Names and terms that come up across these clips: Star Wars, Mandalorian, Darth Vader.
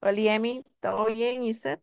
Hola, Emi, ¿todo bien? ¿Y usted?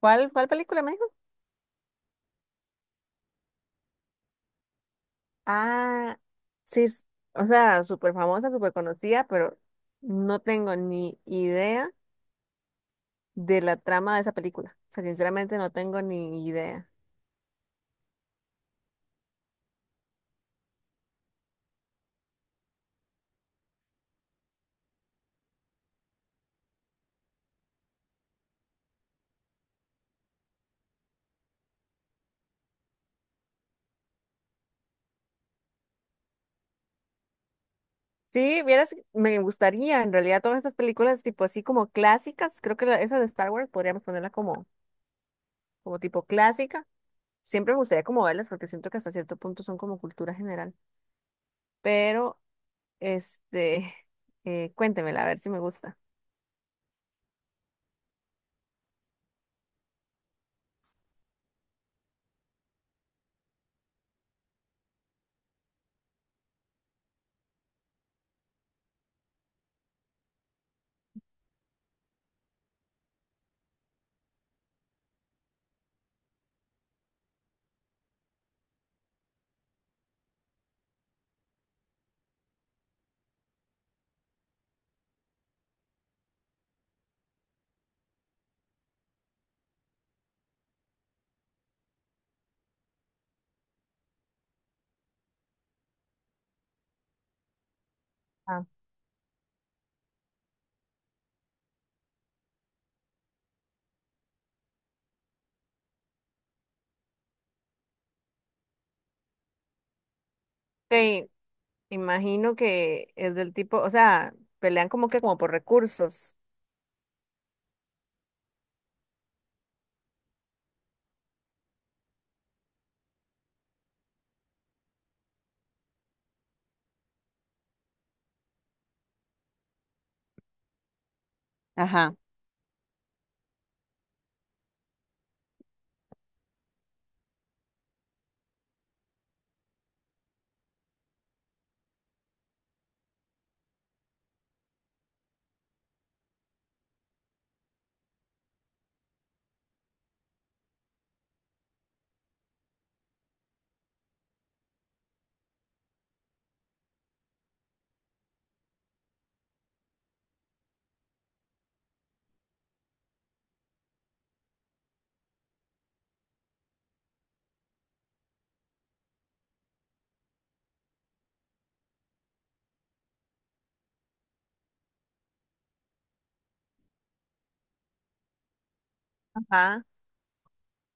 ¿¿Cuál película me dijo? Ah, sí, o sea, súper famosa, súper conocida, pero no tengo ni idea de la trama de esa película. O sea, sinceramente no tengo ni idea. Sí, vieras, me gustaría, en realidad, todas estas películas tipo así como clásicas, creo que esa de Star Wars podríamos ponerla como, como tipo clásica. Siempre me gustaría como verlas porque siento que hasta cierto punto son como cultura general. Pero, este, cuéntemela a ver si me gusta. Ah. Ok, imagino que es del tipo, o sea, pelean como que como por recursos. Ajá. Ajá.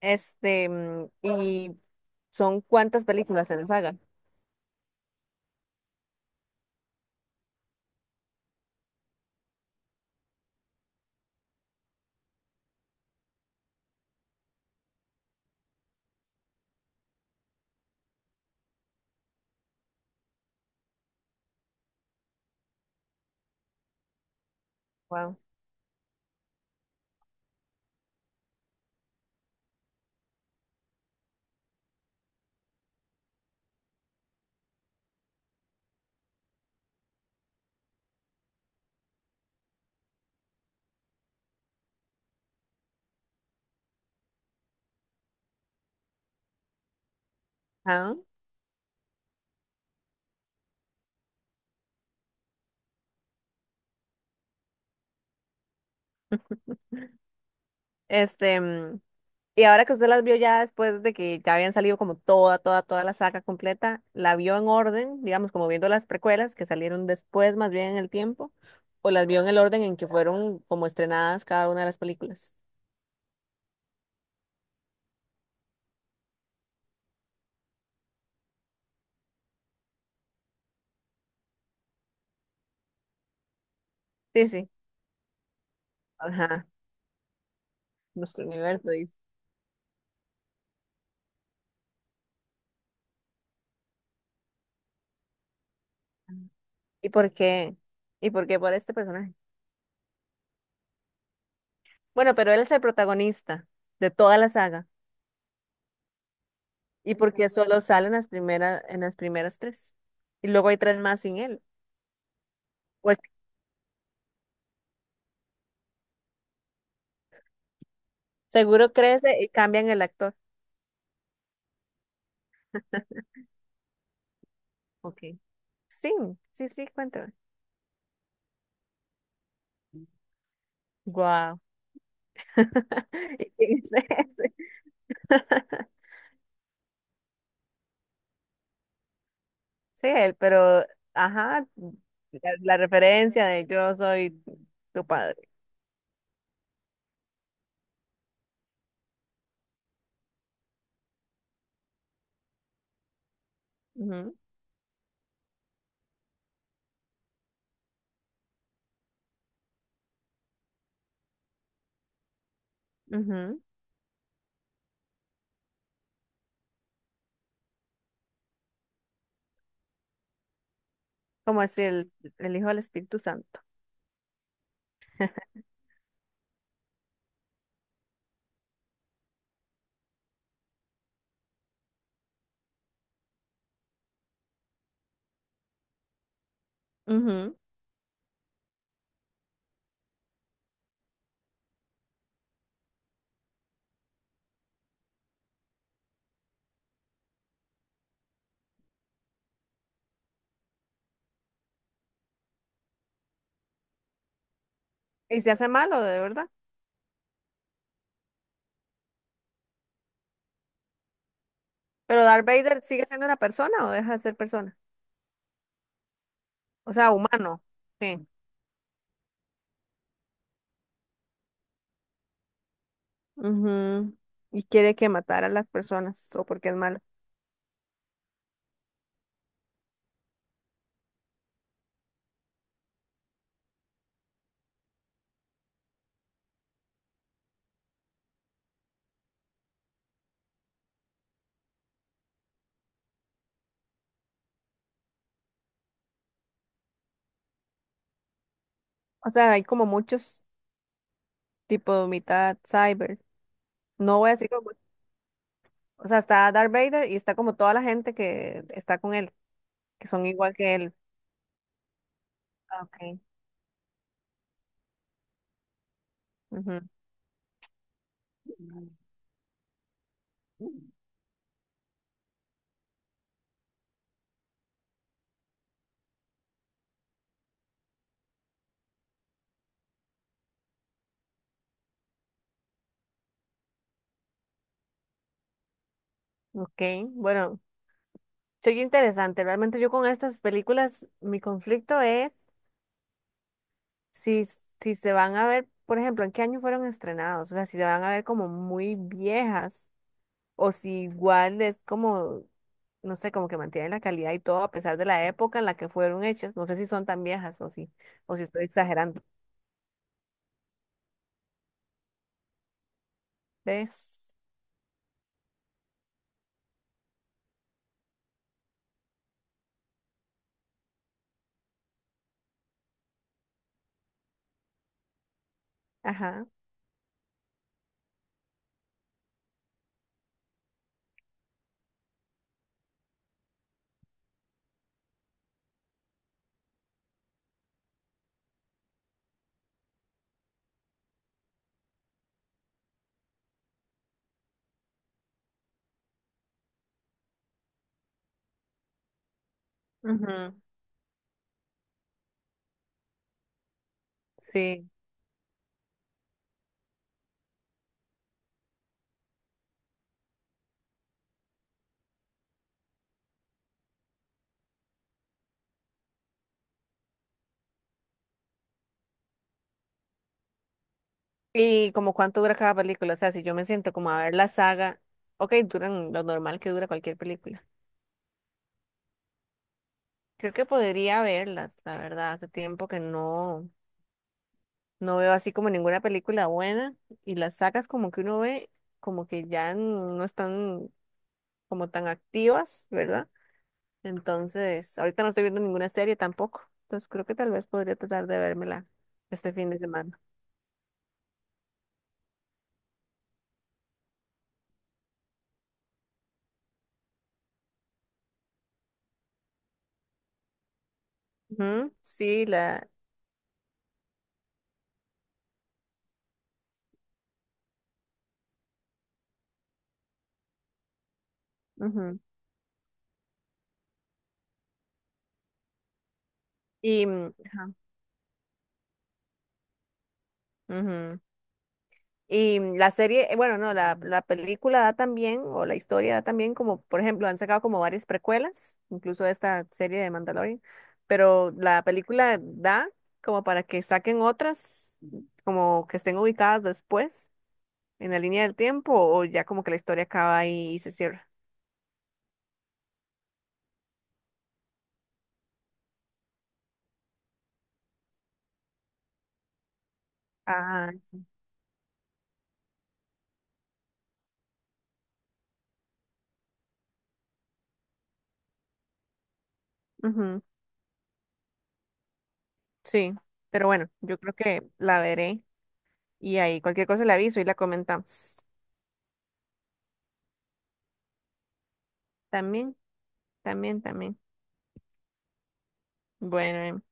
¿Y son cuántas películas en la saga? Wow. Ajá. Este, mm, y ahora que usted las vio ya después de que ya habían salido como toda, toda, toda la saga completa, ¿la vio en orden, digamos, como viendo las precuelas que salieron después, más bien en el tiempo, o las vio en el orden en que fueron como estrenadas cada una de las películas? Sí, sí. Ajá. Nuestro universo. ¿Y por qué? ¿Y por qué por este personaje? Bueno, pero él es el protagonista de toda la saga. ¿Y por qué solo sale en las primeras tres? Y luego hay tres más sin él. Pues seguro crece y cambian el actor. Ok. Sí, sí, sí, cuéntame. Wow. ¿Y quién es ese? Sí, él, pero, ajá, la referencia de yo soy tu padre. Ujú, ujú. Como es el Hijo del Espíritu Santo. Ujú. Y se hace malo, de verdad. Pero Darth Vader sigue siendo una persona o deja de ser persona. O sea, humano. Sí. Ujú. ¿Y quiere que matar a las personas o porque es malo? O sea, hay como muchos tipos, mitad cyber. No voy a decir como. O sea, está Darth Vader y está como toda la gente que está con él, que son igual que él. Ah, ok. Ujú. Ok. Bueno, soy interesante. Realmente yo con estas películas, mi conflicto es. Si, si se van a ver, por ejemplo, ¿en qué año fueron estrenados? O sea, si se van a ver como muy viejas o si igual es como, no sé, como que mantienen la calidad y todo a pesar de la época en la que fueron hechas. No sé si son tan viejas o si estoy exagerando. ¿Ves? Ajá. Ujú, sí. ¿Y como cuánto dura cada película? O sea, si yo me siento como a ver la saga, ok, duran lo normal que dura cualquier película. Creo que podría verlas, la verdad, hace tiempo que no. No veo así como ninguna película buena y las sacas como que uno ve como que ya no están como tan activas, ¿verdad? Entonces, ahorita no estoy viendo ninguna serie tampoco. Entonces creo que tal vez podría tratar de vérmela este fin de semana. Ujú, sí, la... ujú. Ajá, ujú. Y la serie, bueno, no, la película da también, o la historia da también, como por ejemplo, han sacado como varias precuelas, incluso esta serie de Mandalorian, pero la película da como para que saquen otras, como que estén ubicadas después, en la línea del tiempo, o ya como que la historia acaba ahí y se cierra. Ah, ujú, sí, pero bueno, yo creo que la veré y ahí cualquier cosa le aviso y la comentamos. También, también, también. Bueno.